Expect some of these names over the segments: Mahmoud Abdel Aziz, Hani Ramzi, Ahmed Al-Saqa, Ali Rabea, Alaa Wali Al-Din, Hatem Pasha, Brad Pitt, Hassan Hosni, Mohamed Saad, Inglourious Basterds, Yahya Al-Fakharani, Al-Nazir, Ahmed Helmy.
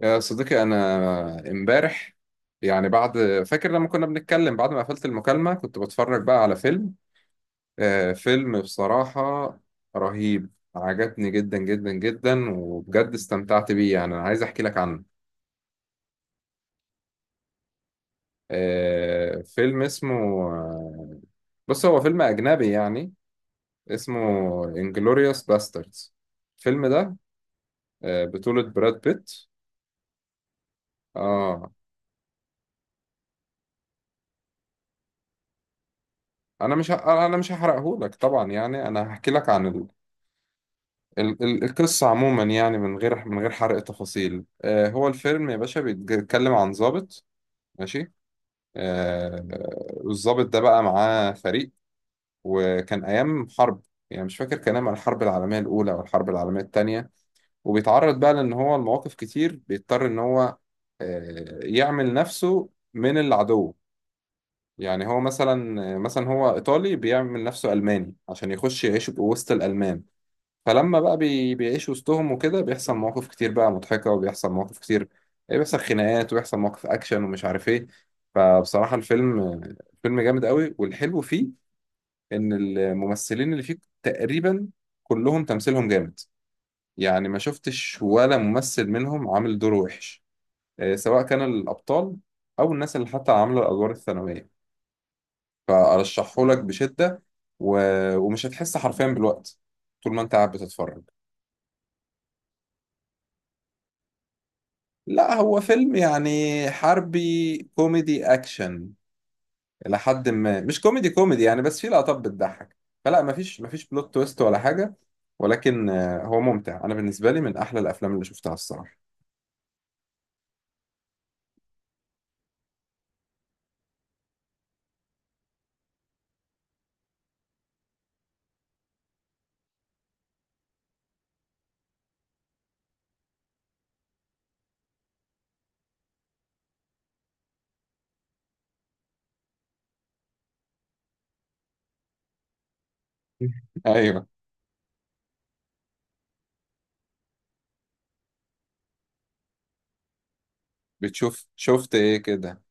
يا صديقي أنا إمبارح يعني بعد فاكر لما كنا بنتكلم بعد ما قفلت المكالمة كنت بتفرج بقى على فيلم. فيلم بصراحة رهيب. عجبني جدا جدا جدا وبجد استمتعت بيه. يعني أنا عايز أحكي لك عنه. فيلم اسمه بص هو فيلم أجنبي يعني اسمه انجلوريوس باستردز. الفيلم ده بطولة براد بيت. آه أنا مش هحرقهولك طبعا. يعني أنا هحكي لك عن القصة عموما يعني من غير حرق تفاصيل. هو الفيلم يا باشا بيتكلم عن ضابط. ماشي. آه، والضابط ده بقى معاه فريق، وكان أيام حرب. يعني مش فاكر كان أيام الحرب العالمية الأولى أو الحرب العالمية التانية. وبيتعرض بقى لأن هو المواقف كتير بيضطر إن هو يعمل نفسه من العدو. يعني هو مثلا هو إيطالي بيعمل نفسه ألماني عشان يخش يعيش وسط الألمان. فلما بقى بيعيش وسطهم وكده بيحصل مواقف كتير بقى مضحكة، وبيحصل مواقف كتير، بيحصل خناقات، وبيحصل مواقف أكشن ومش عارف إيه. فبصراحة الفيلم فيلم جامد قوي. والحلو فيه إن الممثلين اللي فيه تقريبا كلهم تمثيلهم جامد. يعني ما شفتش ولا ممثل منهم عامل دور وحش، سواء كان الأبطال أو الناس اللي حتى عاملة الأدوار الثانوية. فأرشحهولك بشدة، و... ومش هتحس حرفيا بالوقت طول ما أنت قاعد بتتفرج. لا، هو فيلم يعني حربي كوميدي اكشن الى حد ما. مش كوميدي كوميدي يعني، بس فيه لقطات بتضحك. فلا مفيش بلوت تويست ولا حاجه. ولكن هو ممتع. انا بالنسبه لي من احلى الافلام اللي شفتها الصراحه. ايوه. بتشوف شفت ايه كده.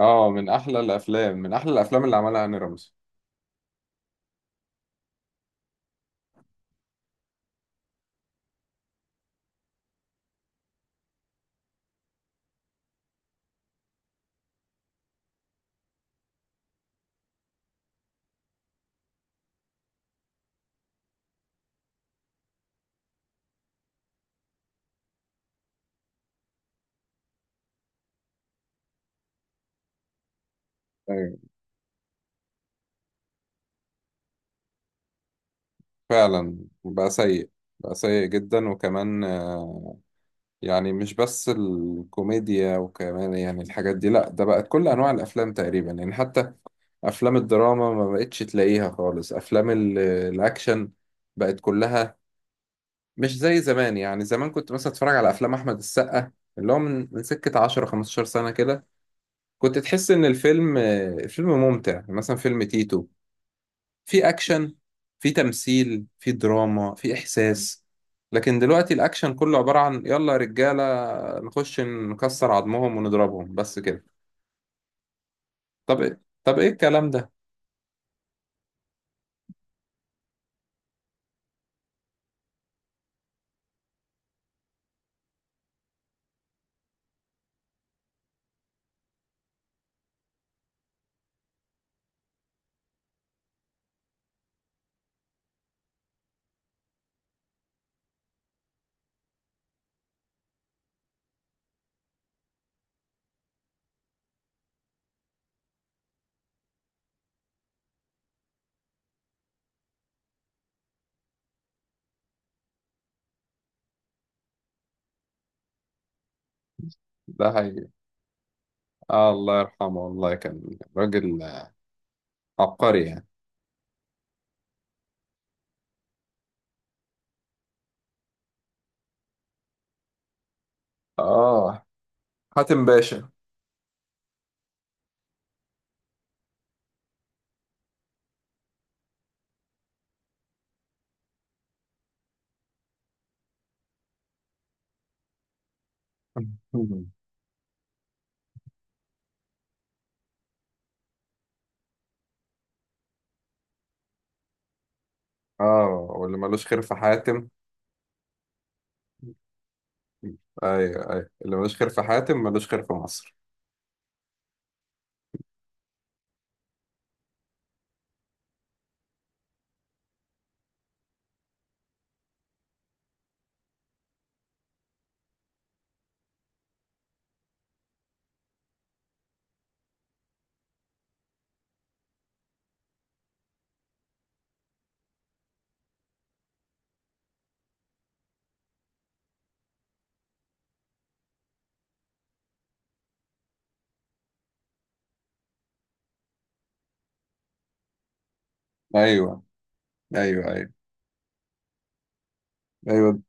اه، من احلى الافلام اللي عملها هاني رمزي. ايوه، فعلا. بقى سيء، جدا. وكمان يعني مش بس الكوميديا وكمان يعني الحاجات دي. لا، ده بقت كل انواع الافلام تقريبا يعني، حتى افلام الدراما ما بقتش تلاقيها خالص، افلام الاكشن بقت كلها مش زي زمان. يعني زمان كنت مثلا اتفرج على افلام احمد السقا اللي هو من سكة 10 15 سنة كده، كنت تحس ان الفيلم ممتع. يعني مثلا فيلم تيتو، في اكشن، في تمثيل، في دراما، في احساس. لكن دلوقتي الاكشن كله عبارة عن: يلا يا رجالة، نخش نكسر عظمهم ونضربهم بس كده. طب ايه الكلام ده؟ ده هي. الله يرحمه. والله كان راجل عبقري يعني. اه، حاتم باشا. اه، واللي ملوش خير في حاتم. ايوه، ايوه، اللي ملوش خير في حاتم ملوش خير في مصر. ايوه، ايوه، ايوه، ايوه.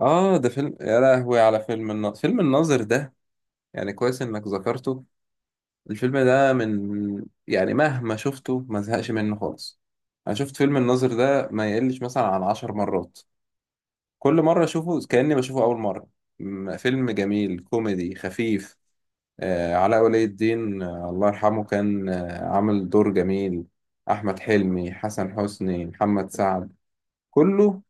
اه، ده فيلم. يا لهوي على فيلم الناظر. فيلم الناظر ده يعني كويس انك ذكرته. الفيلم ده من يعني مهما شفته ما زهقش منه خالص. انا شفت فيلم الناظر ده ما يقلش مثلا عن 10 مرات. كل مرة اشوفه كأني بشوفه اول مرة. فيلم جميل كوميدي خفيف. علاء ولي الدين، الله يرحمه، كان عامل دور جميل. احمد حلمي، حسن حسني، محمد سعد، كله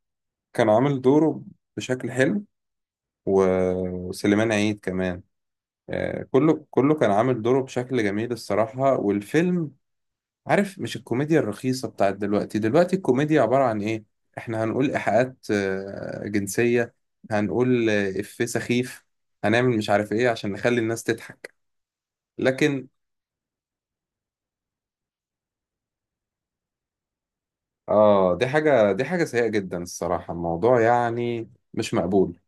كان عامل دوره بشكل حلو. وسليمان عيد كمان، كله كان عامل دوره بشكل جميل الصراحة. والفيلم، عارف، مش الكوميديا الرخيصة بتاعت دلوقتي. دلوقتي الكوميديا عبارة عن إيه؟ إحنا هنقول إيحاءات جنسية، هنقول إفيه سخيف، هنعمل مش عارف إيه عشان نخلي الناس تضحك. لكن دي حاجة، سيئة جدا الصراحة. الموضوع يعني مش مقبول.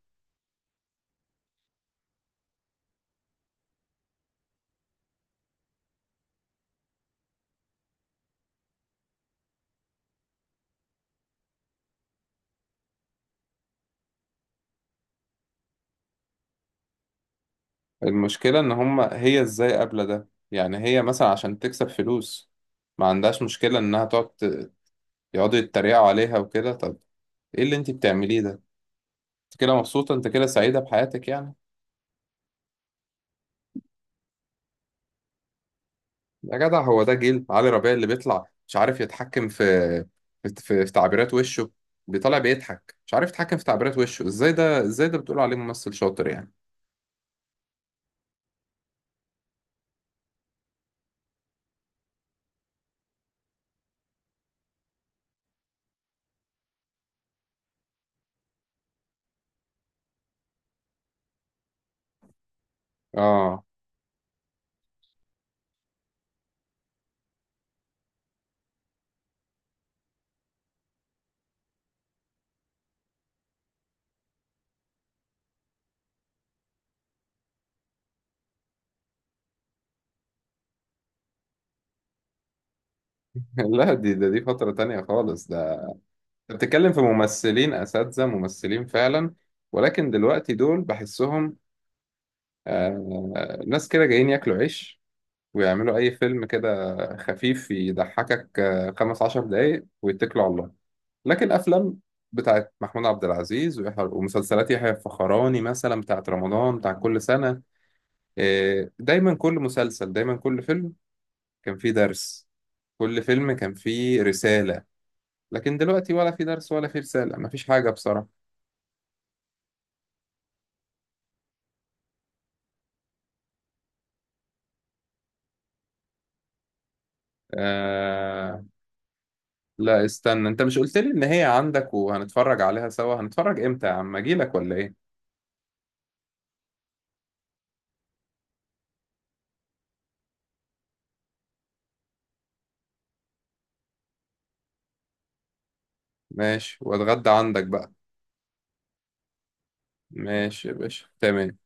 المشكلة إن هما هي إزاي قابلة ده يعني. هي مثلا عشان تكسب فلوس ما عندهاش مشكلة إنها تقعد يقعدوا يتريقوا عليها وكده. طب ايه اللي انت بتعمليه ده؟ انت كده مبسوطه، انت كده سعيده بحياتك يعني؟ يا جدع، هو ده جيل علي ربيع اللي بيطلع مش عارف يتحكم في في تعبيرات وشه. بيطلع بيضحك مش عارف يتحكم في تعبيرات وشه. ازاي ده؟ بتقول عليه ممثل شاطر يعني؟ اه. لا، دي فتره تانية خالص ده. انت بتتكلم في ممثلين اساتذه، ممثلين فعلا. ولكن دلوقتي دول بحسهم ناس كده جايين ياكلوا عيش، ويعملوا أي فيلم كده خفيف يضحكك 15 دقايق ويتكلوا على الله. لكن أفلام بتاعت محمود عبد العزيز ومسلسلات يحيى الفخراني مثلا بتاعت رمضان بتاع كل سنة، دايما كل مسلسل، دايما كل فيلم كان فيه درس، كل فيلم كان فيه رسالة. لكن دلوقتي ولا في درس ولا في رسالة، مفيش حاجة بصراحة. آه... لا، استنى. انت مش قلت لي ان هي عندك وهنتفرج عليها سوا؟ هنتفرج امتى يا عم؟ اجيلك ولا ايه؟ ماشي، واتغدى عندك بقى. ماشي يا باشا، تمام.